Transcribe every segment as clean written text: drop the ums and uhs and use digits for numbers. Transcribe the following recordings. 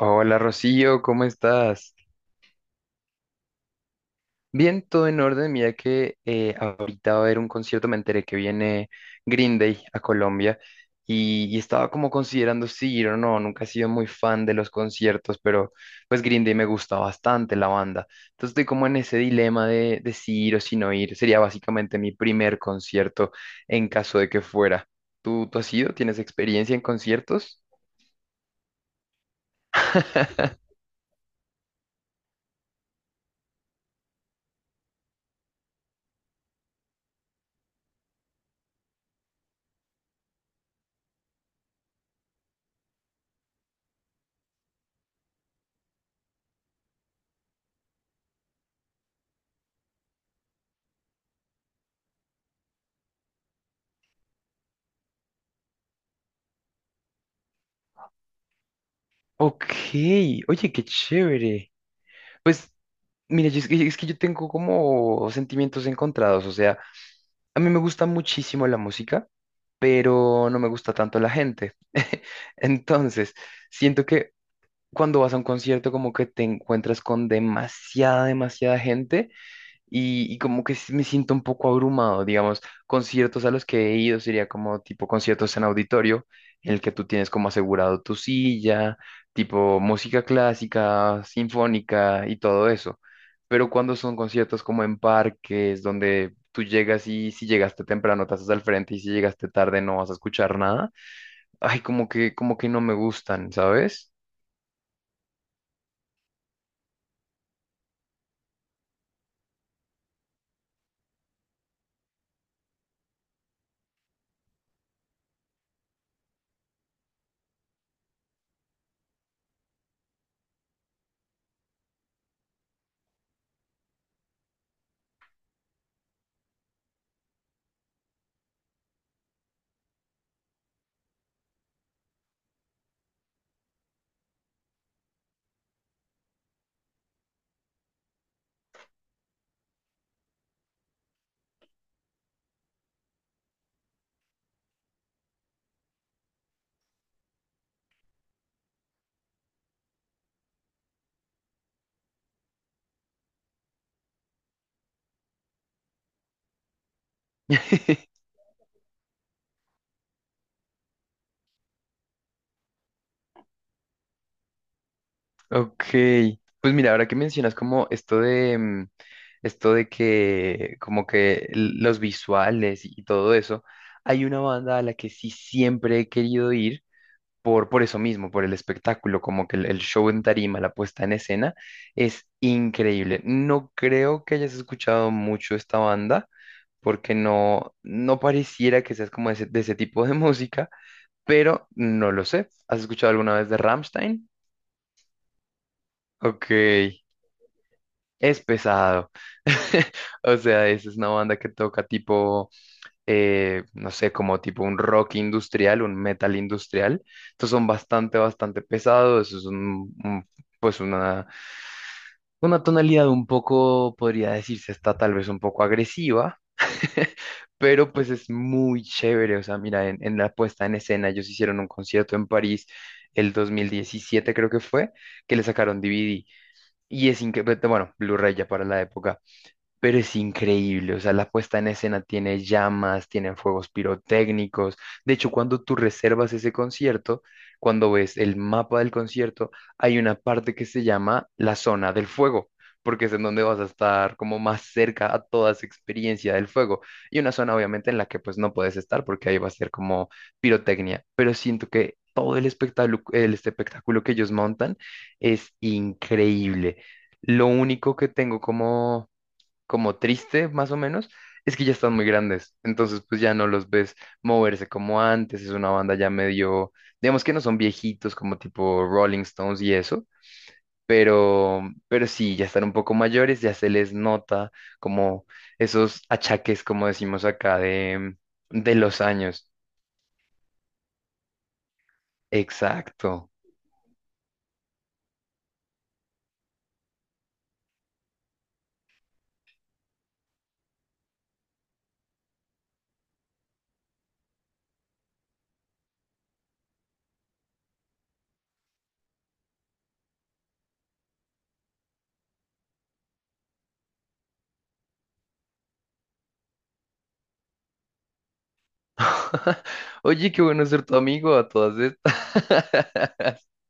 Hola Rocío, ¿cómo estás? Bien, todo en orden. Mira que ahorita va a haber un concierto, me enteré que viene Green Day a Colombia y estaba como considerando si ir o no. Nunca he sido muy fan de los conciertos, pero pues Green Day me gusta bastante la banda. Entonces estoy como en ese dilema de si ir o si no ir. Sería básicamente mi primer concierto en caso de que fuera. ¿Tú has ido? ¿Tienes experiencia en conciertos? Ok, oye, qué chévere. Pues, mira, es que yo tengo como sentimientos encontrados, o sea, a mí me gusta muchísimo la música, pero no me gusta tanto la gente. Entonces, siento que cuando vas a un concierto como que te encuentras con demasiada, demasiada gente y como que me siento un poco abrumado, digamos, conciertos a los que he ido sería como tipo conciertos en auditorio, en el que tú tienes como asegurado tu silla, tipo música clásica, sinfónica y todo eso. Pero cuando son conciertos como en parques, donde tú llegas y si llegaste temprano te haces al frente y si llegaste tarde no vas a escuchar nada, ay, como que no me gustan, ¿sabes? Ok, pues mira, ahora que mencionas como esto de, esto de que como que los visuales y todo eso, hay una banda a la que sí siempre he querido ir por eso mismo, por el espectáculo, como que el show en tarima, la puesta en escena, es increíble. No creo que hayas escuchado mucho esta banda, porque no pareciera que seas como de de ese tipo de música, pero no lo sé. ¿Has escuchado alguna vez de Rammstein? Ok. Es pesado. O sea, esa es una banda que toca tipo, no sé, como tipo un rock industrial, un metal industrial. Estos son bastante, bastante pesados. Eso es pues una tonalidad un poco, podría decirse, está tal vez un poco agresiva. Pero pues es muy chévere. O sea, mira, en la puesta en escena, ellos hicieron un concierto en París el 2017, creo que fue, que le sacaron DVD. Y es increíble, bueno, Blu-ray ya para la época pero es increíble, o sea, la puesta en escena tiene llamas, tienen fuegos pirotécnicos. De hecho, cuando tú reservas ese concierto, cuando ves el mapa del concierto, hay una parte que se llama la zona del fuego, porque es en donde vas a estar como más cerca a toda esa experiencia del fuego. Y una zona obviamente en la que pues no puedes estar porque ahí va a ser como pirotecnia, pero siento que todo el espectáculo que ellos montan es increíble. Lo único que tengo como triste, más o menos, es que ya están muy grandes. Entonces, pues ya no los ves moverse como antes. Es una banda ya medio, digamos que no son viejitos como tipo Rolling Stones y eso, pero, pero sí, ya están un poco mayores, ya se les nota como esos achaques, como decimos acá, de los años. Exacto. Oye, qué bueno ser tu amigo a todas estas.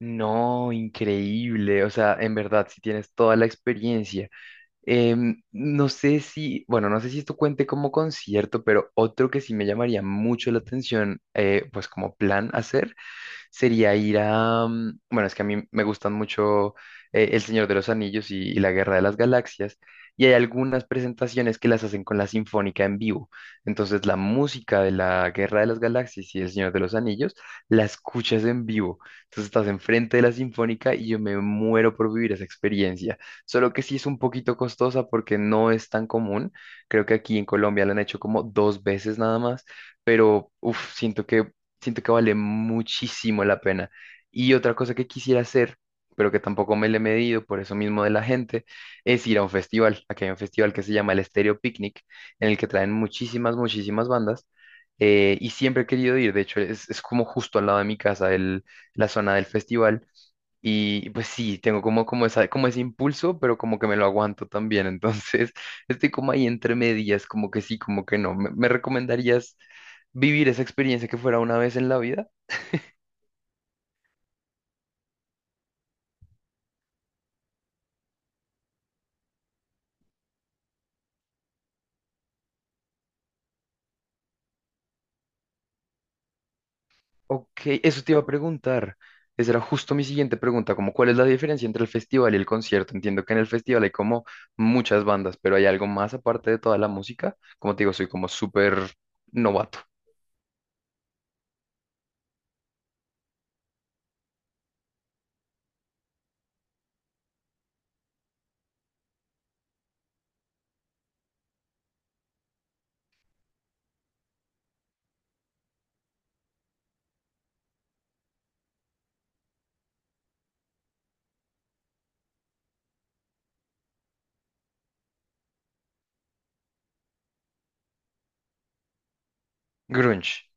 No, increíble. O sea, en verdad, si tienes toda la experiencia. No sé si, bueno, no sé si esto cuente como concierto, pero otro que sí me llamaría mucho la atención, pues como plan hacer, sería ir a... Bueno, es que a mí me gustan mucho El Señor de los Anillos y La Guerra de las Galaxias, y hay algunas presentaciones que las hacen con la Sinfónica en vivo. Entonces, la música de La Guerra de las Galaxias y El Señor de los Anillos la escuchas en vivo. Entonces, estás enfrente de la Sinfónica y yo me muero por vivir esa experiencia. Solo que sí es un poquito costosa porque no es tan común. Creo que aquí en Colombia la han hecho como dos veces nada más, pero uf, siento que vale muchísimo la pena. Y otra cosa que quisiera hacer, pero que tampoco me le he medido por eso mismo de la gente, es ir a un festival. Aquí hay un festival que se llama el Estéreo Picnic, en el que traen muchísimas, muchísimas bandas. Y siempre he querido ir, de hecho es como justo al lado de mi casa la zona del festival y pues sí, tengo como, como, esa, como ese impulso, pero como que me lo aguanto también. Entonces, estoy como ahí entre medias, como que sí, como que no. ¿Me recomendarías vivir esa experiencia que fuera una vez en la vida? Ok, eso te iba a preguntar. Esa era justo mi siguiente pregunta, como cuál es la diferencia entre el festival y el concierto. Entiendo que en el festival hay como muchas bandas, pero hay algo más aparte de toda la música. Como te digo, soy como súper novato. Grunge.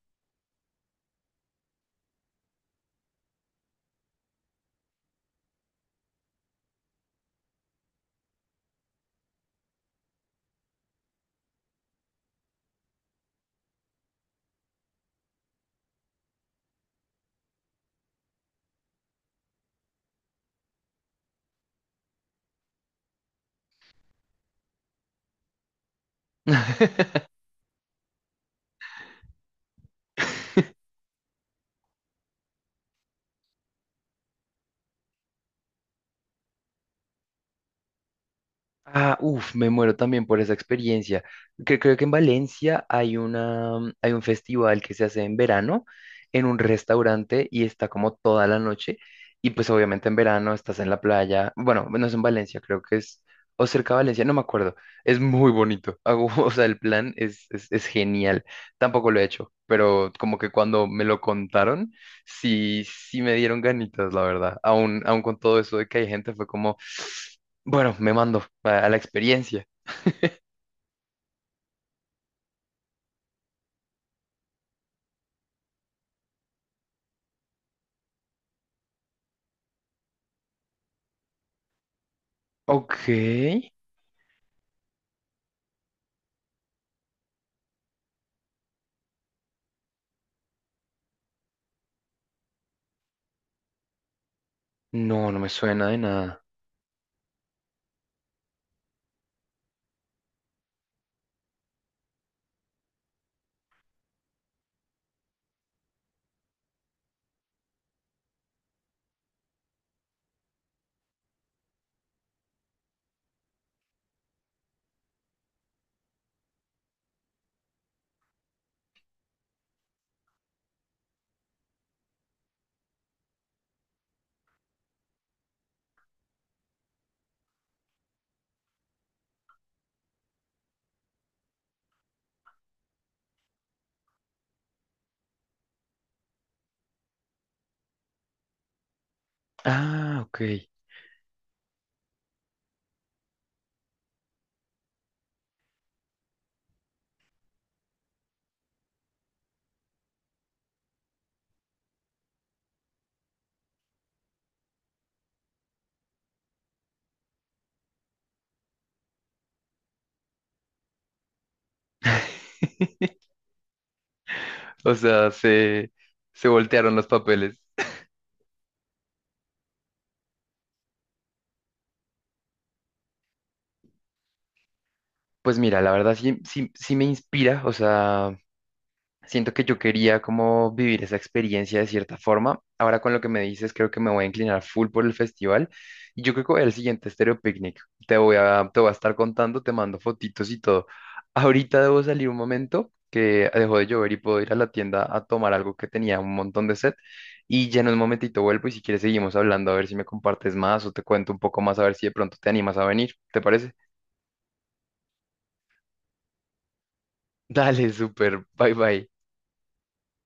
Ah, uff, me muero también por esa experiencia. Que creo que en Valencia hay una, hay un festival que se hace en verano en un restaurante y está como toda la noche. Y pues obviamente en verano estás en la playa. Bueno, no es en Valencia, creo que es o cerca de Valencia, no me acuerdo. Es muy bonito. Hago, o sea, el plan es genial. Tampoco lo he hecho, pero como que cuando me lo contaron, sí me dieron ganitas, la verdad. Aún con todo eso de que hay gente, fue como... Bueno, me mando a la experiencia. Ok. No, no me suena de nada. Ah, ok. O sea, se voltearon los papeles. Pues mira, la verdad sí me inspira, o sea, siento que yo quería como vivir esa experiencia de cierta forma. Ahora con lo que me dices, creo que me voy a inclinar full por el festival. Y yo creo que voy al siguiente Stereo Picnic. Te voy a estar contando, te mando fotitos y todo. Ahorita debo salir un momento que dejó de llover y puedo ir a la tienda a tomar algo que tenía un montón de sed. Y ya en un momentito vuelvo y si quieres seguimos hablando a ver si me compartes más o te cuento un poco más a ver si de pronto te animas a venir. ¿Te parece? Dale, súper. Bye bye.